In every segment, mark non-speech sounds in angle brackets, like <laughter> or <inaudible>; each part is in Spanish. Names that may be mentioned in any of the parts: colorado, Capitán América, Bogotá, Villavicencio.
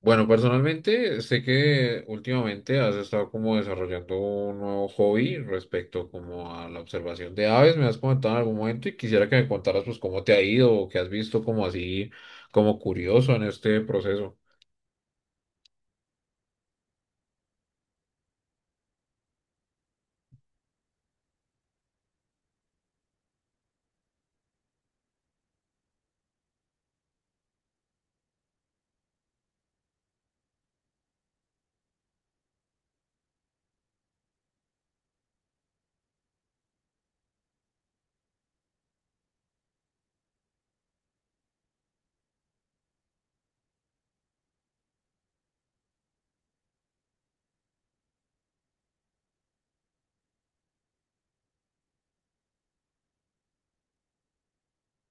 Bueno, personalmente sé que últimamente has estado como desarrollando un nuevo hobby respecto como a la observación de aves, me has comentado en algún momento y quisiera que me contaras pues cómo te ha ido o qué has visto como así, como curioso en este proceso.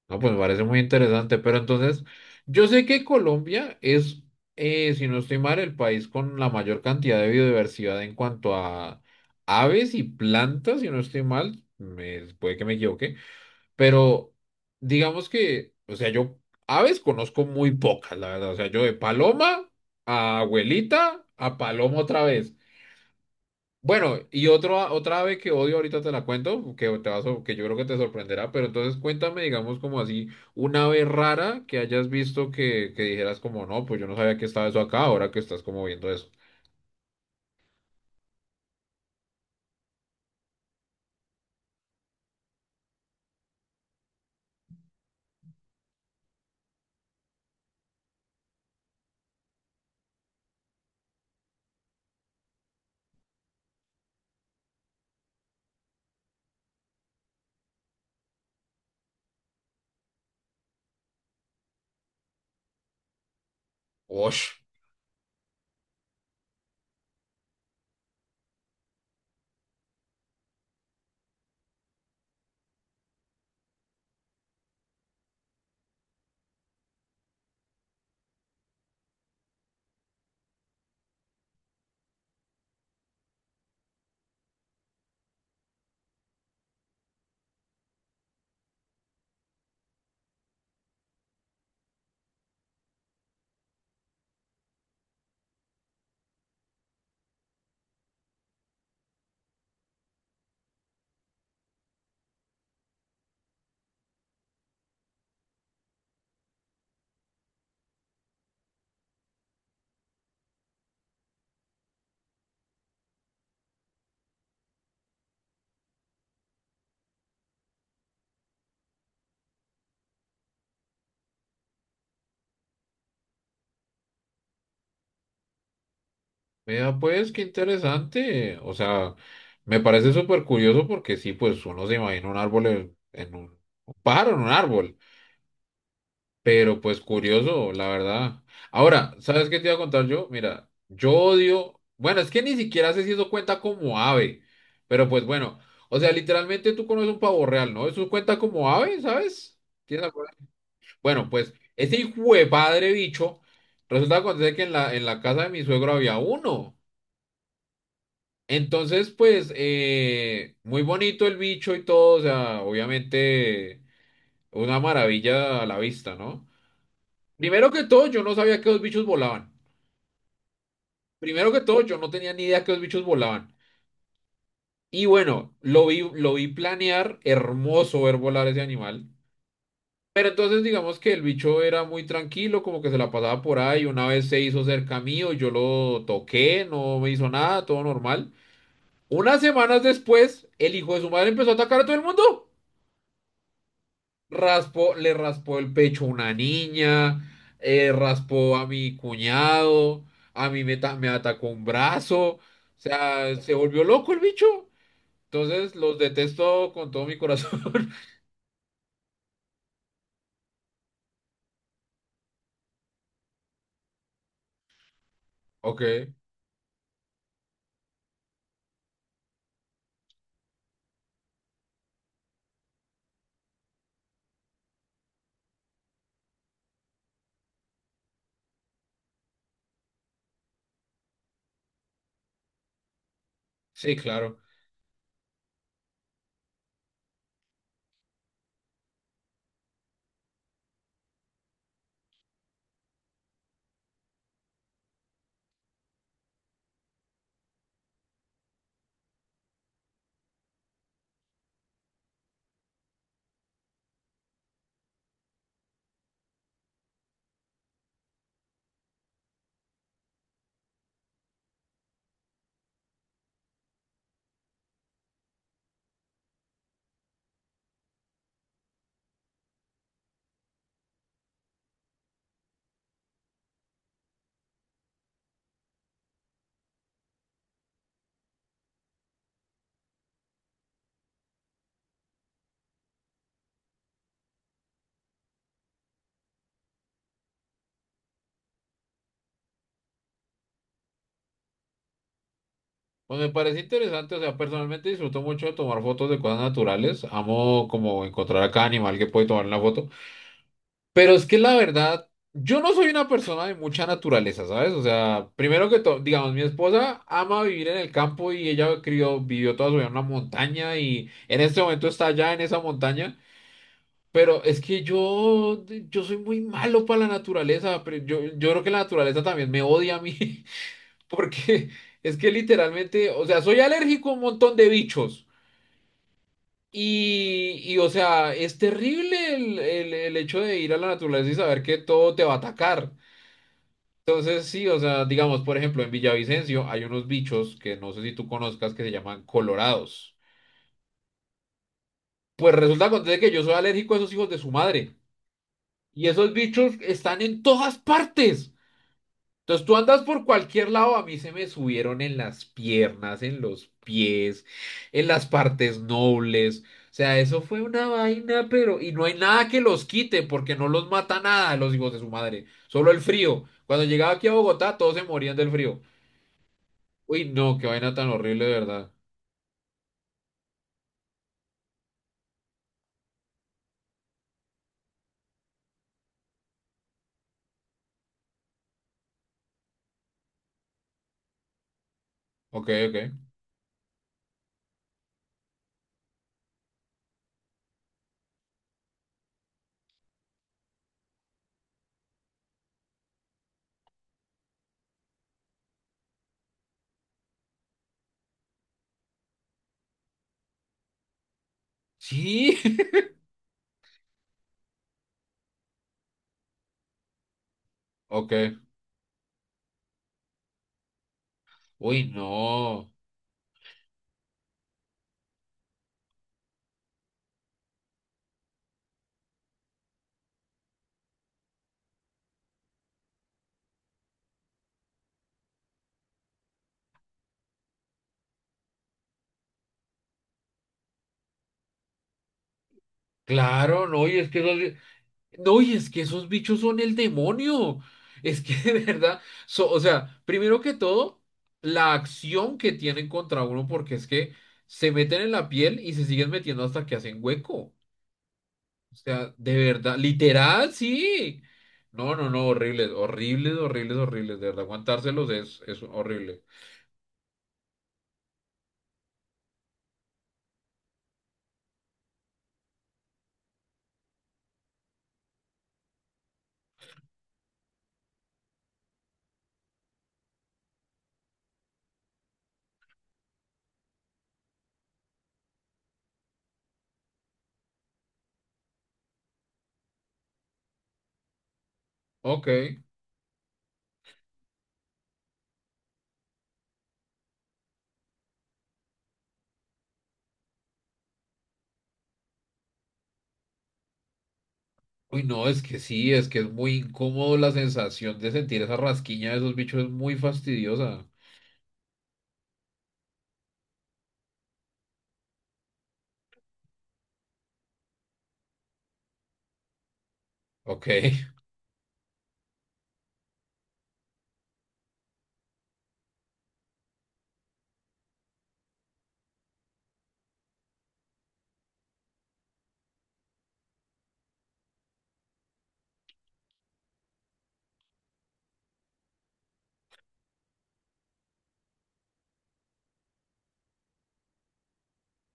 No, pues me parece muy interesante, pero entonces yo sé que Colombia es, si no estoy mal, el país con la mayor cantidad de biodiversidad en cuanto a aves y plantas, si no estoy mal, me, puede que me equivoque. Pero digamos que, o sea, yo aves conozco muy pocas, la verdad. O sea, yo de paloma a abuelita a paloma otra vez. Bueno, y otro, otra ave que odio ahorita te la cuento, que yo creo que te sorprenderá, pero entonces cuéntame, digamos, como así, una ave rara que hayas visto que dijeras como, no, pues yo no sabía que estaba eso acá, ahora que estás como viendo eso. Osh. Mira, pues qué interesante. O sea, me parece súper curioso porque sí, pues uno se imagina un árbol en un pájaro en un árbol, pero pues curioso, la verdad. Ahora, ¿sabes qué te iba a contar yo? Mira, yo odio, bueno, es que ni siquiera sé si eso cuenta como ave, pero pues bueno, o sea, literalmente tú conoces un pavo real, ¿no? Eso cuenta como ave, ¿sabes? ¿Tienes alguna- Bueno, pues ese hijo de padre bicho, resulta que acontece que en la casa de mi suegro había uno. Entonces, pues, muy bonito el bicho y todo, o sea, obviamente una maravilla a la vista, ¿no? Primero que todo, yo no sabía que los bichos volaban. Primero que todo, yo no tenía ni idea que los bichos volaban. Y bueno, lo vi planear, hermoso ver volar ese animal. Pero entonces, digamos que el bicho era muy tranquilo, como que se la pasaba por ahí. Una vez se hizo cerca mío, yo lo toqué, no me hizo nada, todo normal. Unas semanas después, el hijo de su madre empezó a atacar a todo el mundo. Le raspó el pecho a una niña, raspó a mi cuñado, a mí me, ta- me atacó un brazo, o sea, se volvió loco el bicho. Entonces los detesto con todo mi corazón. <laughs> Ok, sí, claro. Pues me parece interesante, o sea, personalmente disfruto mucho de tomar fotos de cosas naturales. Amo como encontrar a cada animal que puede tomar una foto. Pero es que la verdad, yo no soy una persona de mucha naturaleza, ¿sabes? O sea, primero que todo, digamos, mi esposa ama vivir en el campo y ella crió, vivió toda su vida en una montaña y en este momento está allá en esa montaña. Pero es que yo soy muy malo para la naturaleza, pero yo creo que la naturaleza también me odia a mí, <laughs> porque es que literalmente, o sea, soy alérgico a un montón de bichos. O sea, es terrible el hecho de ir a la naturaleza y saber que todo te va a atacar. Entonces, sí, o sea, digamos, por ejemplo, en Villavicencio hay unos bichos que no sé si tú conozcas que se llaman colorados. Pues resulta acontece que yo soy alérgico a esos hijos de su madre. Y esos bichos están en todas partes. Entonces tú andas por cualquier lado, a mí se me subieron en las piernas, en los pies, en las partes nobles. O sea, eso fue una vaina, pero... Y no hay nada que los quite, porque no los mata nada los hijos de su madre. Solo el frío. Cuando llegaba aquí a Bogotá, todos se morían del frío. Uy, no, qué vaina tan horrible, de verdad. Ok, ok. Sí. <laughs> Ok. Uy, no. Claro, no, y es que esos, no, y es que esos bichos son el demonio. Es que <laughs> de verdad, o sea, primero que todo, la acción que tienen contra uno, porque es que se meten en la piel y se siguen metiendo hasta que hacen hueco. O sea, de verdad, literal, sí. No, no, no, horribles, horribles, horribles, horribles. De verdad, aguantárselos es horrible. Ok. Uy, no, es que sí, es que es muy incómodo la sensación de sentir esa rasquiña de esos bichos, es muy fastidiosa. Ok. <laughs>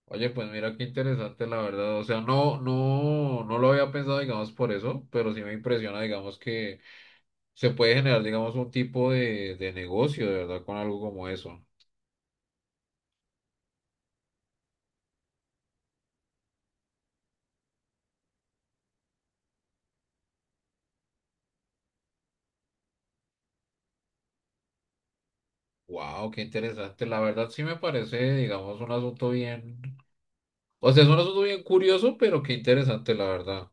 Oye, pues mira qué interesante, la verdad. O sea, no, no, no lo había pensado, digamos, por eso, pero sí me impresiona, digamos, que se puede generar, digamos, un tipo de negocio, de verdad, con algo como eso. Wow, qué interesante. La verdad sí me parece, digamos, un asunto bien. O sea, es un asunto bien curioso, pero qué interesante, la verdad.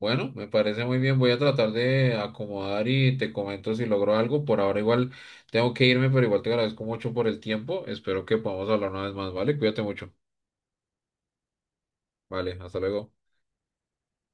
Bueno, me parece muy bien. Voy a tratar de acomodar y te comento si logro algo. Por ahora igual tengo que irme, pero igual te agradezco mucho por el tiempo. Espero que podamos hablar una vez más, ¿vale? Cuídate mucho. Vale, hasta luego.